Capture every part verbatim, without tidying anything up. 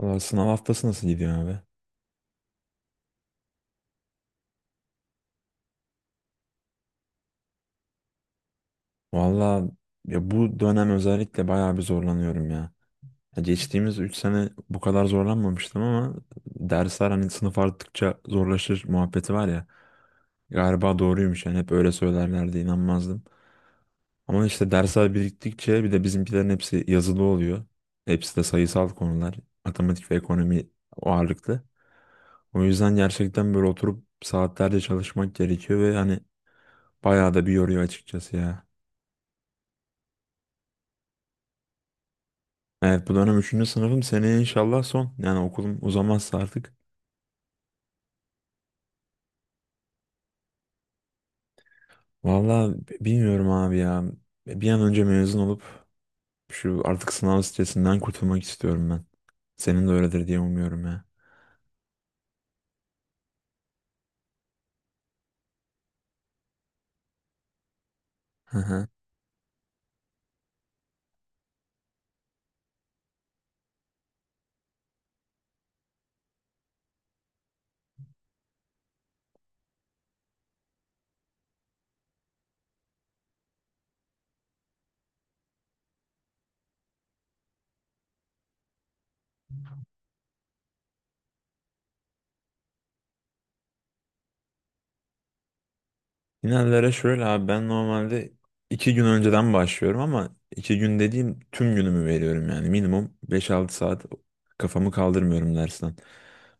Valla sınav haftası nasıl gidiyor abi? Valla ya bu dönem özellikle bayağı bir zorlanıyorum ya. Ya geçtiğimiz üç sene bu kadar zorlanmamıştım ama dersler hani sınıf arttıkça zorlaşır muhabbeti var ya. Galiba doğruymuş yani hep öyle söylerlerdi inanmazdım. Ama işte dersler biriktikçe bir de bizimkilerin hepsi yazılı oluyor. Hepsi de sayısal konular. Matematik ve ekonomi ağırlıklı. O yüzden gerçekten böyle oturup saatlerce çalışmak gerekiyor ve hani bayağı da bir yoruyor açıkçası ya. Evet, bu dönem üçüncü sınıfım, seneye inşallah son. Yani okulum uzamazsa artık. Valla bilmiyorum abi ya. Bir an önce mezun olup şu artık sınav stresinden kurtulmak istiyorum ben. Senin de öyledir diye umuyorum ya. Hı hı. Finallere şöyle abi, ben normalde iki gün önceden başlıyorum ama iki gün dediğim tüm günümü veriyorum yani. Minimum beş altı saat kafamı kaldırmıyorum dersten.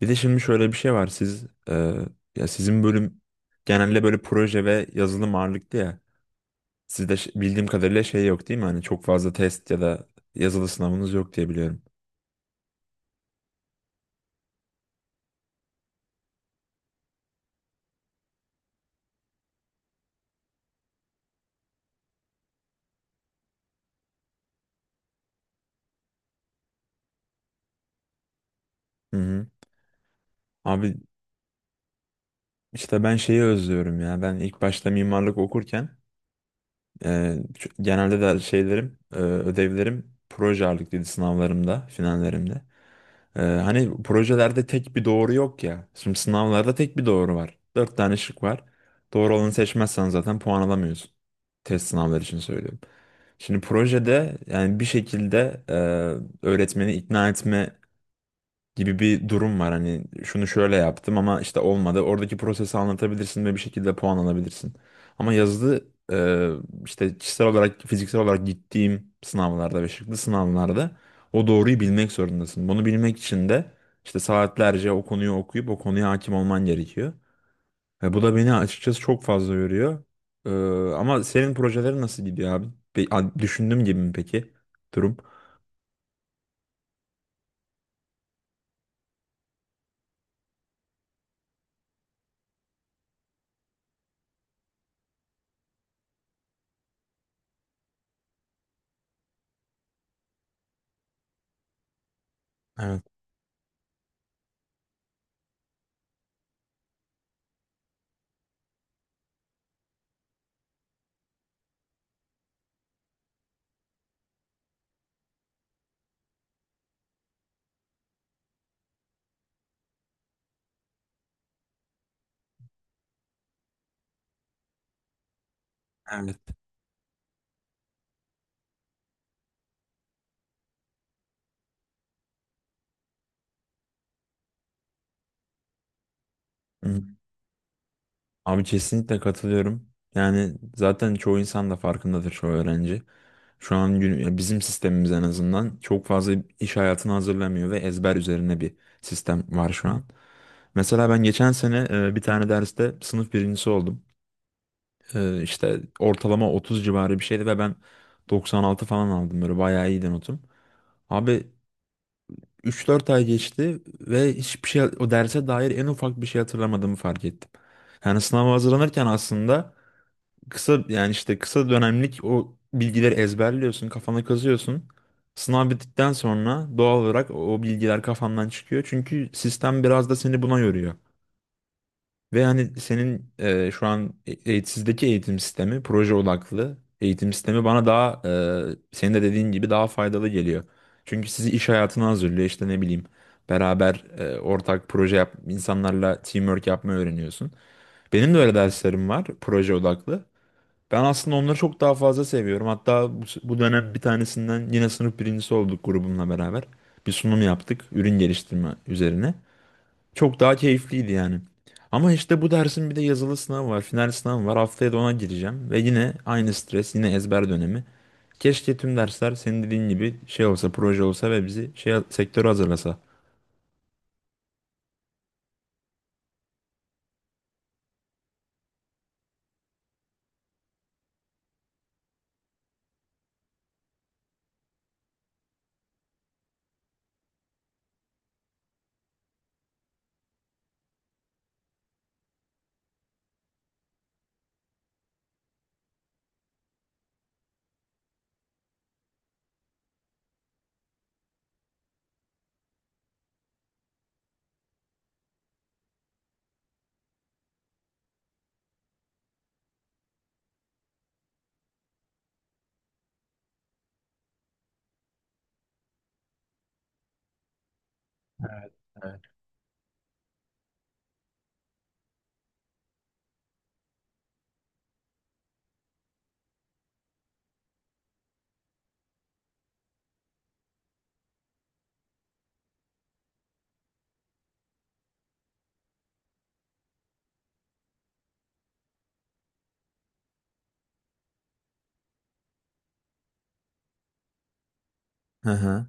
Bir de şimdi şöyle bir şey var, siz e, ya sizin bölüm genelde böyle proje ve yazılım ağırlıklı ya. Sizde ş- bildiğim kadarıyla şey yok, değil mi? Hani çok fazla test ya da yazılı sınavınız yok diye biliyorum. Hı hı. Abi işte ben şeyi özlüyorum ya. Ben ilk başta mimarlık okurken Ee, ç- genelde de şeylerim, e, ödevlerim proje ağırlıklıydı, sınavlarımda, finallerimde. Ee, hani projelerde tek bir doğru yok ya. Şimdi sınavlarda tek bir doğru var. Dört tane şık var. Doğru olanı seçmezsen zaten puan alamıyorsun. Test sınavları için söylüyorum. Şimdi projede yani bir şekilde e, öğretmeni ikna etme gibi bir durum var. Hani şunu şöyle yaptım ama işte olmadı. Oradaki prosesi anlatabilirsin ve bir şekilde puan alabilirsin. Ama yazılı e, işte kişisel olarak, fiziksel olarak gittiğim sınavlarda ve şıklı sınavlarda o doğruyu bilmek zorundasın. Bunu bilmek için de işte saatlerce o konuyu okuyup o konuya hakim olman gerekiyor. Ve bu da beni açıkçası çok fazla yoruyor. E, ama senin projelerin nasıl gidiyor abi? Pe- a- düşündüğüm gibi mi peki durum? Evet. Evet. Abi kesinlikle katılıyorum. Yani zaten çoğu insan da farkındadır, çoğu öğrenci. Şu an gün- ya bizim sistemimiz en azından çok fazla iş hayatını hazırlamıyor ve ezber üzerine bir sistem var şu an. Mesela ben geçen sene e, bir tane derste sınıf birincisi oldum. E, işte ortalama otuz civarı bir şeydi ve ben doksan altı falan aldım, böyle bayağı iyiydi notum. Abi üç dört ay geçti ve hiçbir şey, o derse dair en ufak bir şey hatırlamadığımı fark ettim. Yani sınava hazırlanırken aslında kısa, yani işte kısa dönemlik o bilgileri ezberliyorsun, kafana kazıyorsun. Sınav bittikten sonra doğal olarak o bilgiler kafandan çıkıyor. Çünkü sistem biraz da seni buna yoruyor. Ve hani senin e, şu an e- e- sizdeki eğitim sistemi, proje odaklı eğitim sistemi bana daha, e, senin de dediğin gibi daha faydalı geliyor. Çünkü sizi iş hayatına hazırlıyor, işte ne bileyim, beraber e, ortak proje yap, insanlarla teamwork yapmayı öğreniyorsun. Benim de öyle derslerim var, proje odaklı. Ben aslında onları çok daha fazla seviyorum. Hatta bu, bu dönem bir tanesinden yine sınıf birincisi olduk grubumla beraber. Bir sunum yaptık ürün geliştirme üzerine. Çok daha keyifliydi yani. Ama işte bu dersin bir de yazılı sınavı var, final sınavı var. Haftaya da ona gireceğim ve yine aynı stres, yine ezber dönemi. Keşke tüm dersler senin dediğin gibi şey olsa, proje olsa ve bizi şey sektöre hazırlasa. Hı hı.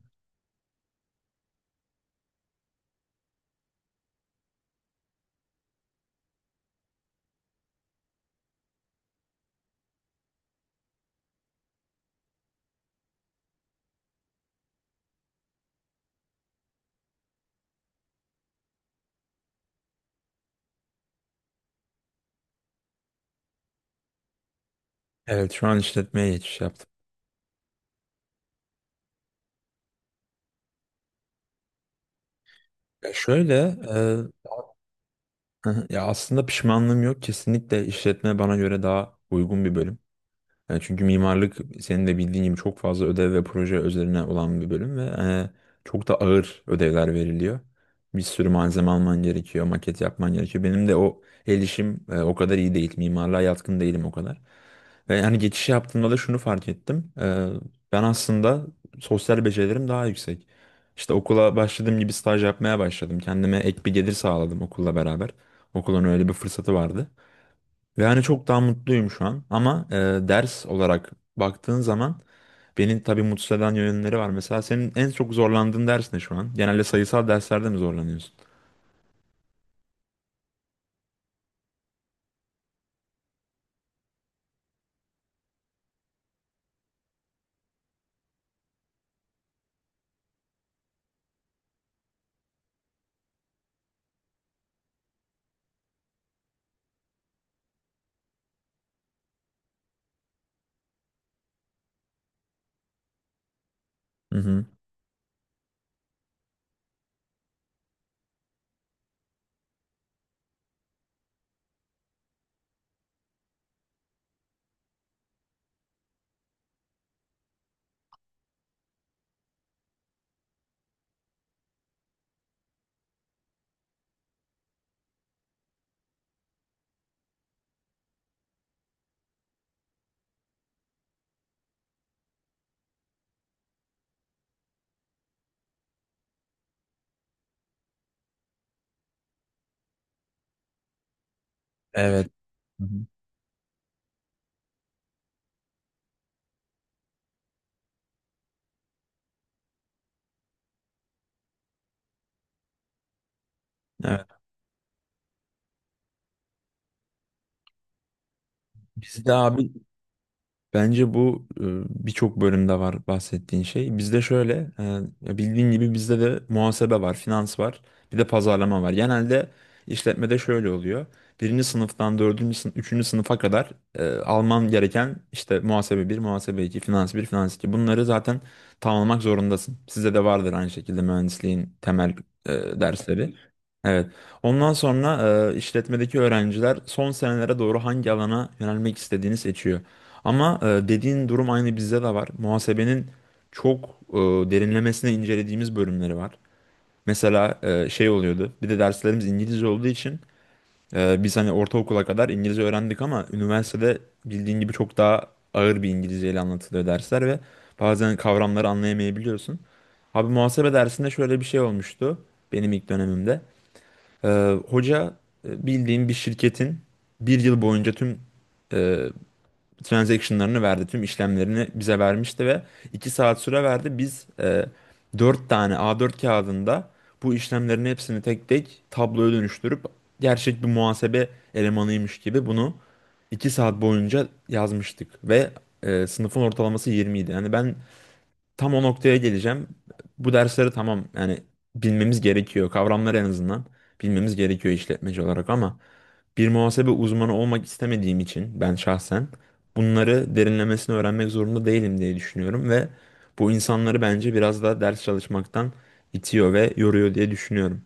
Evet, şu an işletmeye geçiş yaptım. Ya şöyle, hı hı. Ya aslında pişmanlığım yok. Kesinlikle işletme bana göre daha uygun bir bölüm. E, çünkü mimarlık senin de bildiğin gibi çok fazla ödev ve proje üzerine olan bir bölüm ve e, çok da ağır ödevler veriliyor. Bir sürü malzeme alman gerekiyor, maket yapman gerekiyor. Benim de o el işim e, o kadar iyi değil. Mimarlığa yatkın değilim o kadar. Ve yani geçiş yaptığımda da şunu fark ettim. E, ben aslında sosyal becerilerim daha yüksek. İşte okula başladığım gibi staj yapmaya başladım. Kendime ek bir gelir sağladım okulla beraber. Okulun öyle bir fırsatı vardı. Ve hani çok daha mutluyum şu an. Ama e, ders olarak baktığın zaman beni tabii mutsuz eden yönleri var. Mesela senin en çok zorlandığın ders ne şu an? Genelde sayısal derslerde mi zorlanıyorsun? Hı hı. Evet. Hı hı. Evet. Bizde abi, bence bu e, birçok bölümde var bahsettiğin şey. Bizde şöyle, e, ya bildiğin gibi bizde de muhasebe var, finans var, bir de pazarlama var. Genelde işletmede şöyle oluyor. Birinci sınıftan dördüncü sınıf, üçüncü sınıfa kadar e, alman gereken işte muhasebe bir, muhasebe iki, finans bir, finans iki. Bunları zaten tamamlamak zorundasın. Size de vardır aynı şekilde mühendisliğin temel e, dersleri. Evet. Ondan sonra e, işletmedeki öğrenciler son senelere doğru hangi alana yönelmek istediğini seçiyor. Ama e, dediğin durum aynı bizde de var. Muhasebenin çok e, derinlemesine incelediğimiz bölümleri var. Mesela e, şey oluyordu. Bir de derslerimiz İngilizce olduğu için e, biz hani ortaokula kadar İngilizce öğrendik ama üniversitede bildiğin gibi çok daha ağır bir İngilizceyle anlatılıyor dersler ve bazen kavramları anlayamayabiliyorsun. Abi muhasebe dersinde şöyle bir şey olmuştu benim ilk dönemimde. E, hoca e, bildiğin bir şirketin bir yıl boyunca tüm e, transaction'larını verdi. Tüm işlemlerini bize vermişti ve iki saat süre verdi. Biz e, dört tane A dört kağıdında bu işlemlerin hepsini tek tek tabloya dönüştürüp gerçek bir muhasebe elemanıymış gibi bunu iki saat boyunca yazmıştık ve e, sınıfın ortalaması yirmi idi. Yani ben tam o noktaya geleceğim. Bu dersleri tamam, yani bilmemiz gerekiyor. Kavramları en azından bilmemiz gerekiyor işletmeci olarak ama bir muhasebe uzmanı olmak istemediğim için ben şahsen bunları derinlemesine öğrenmek zorunda değilim diye düşünüyorum ve bu insanları bence biraz da ders çalışmaktan itiyor ve yoruyor diye düşünüyorum.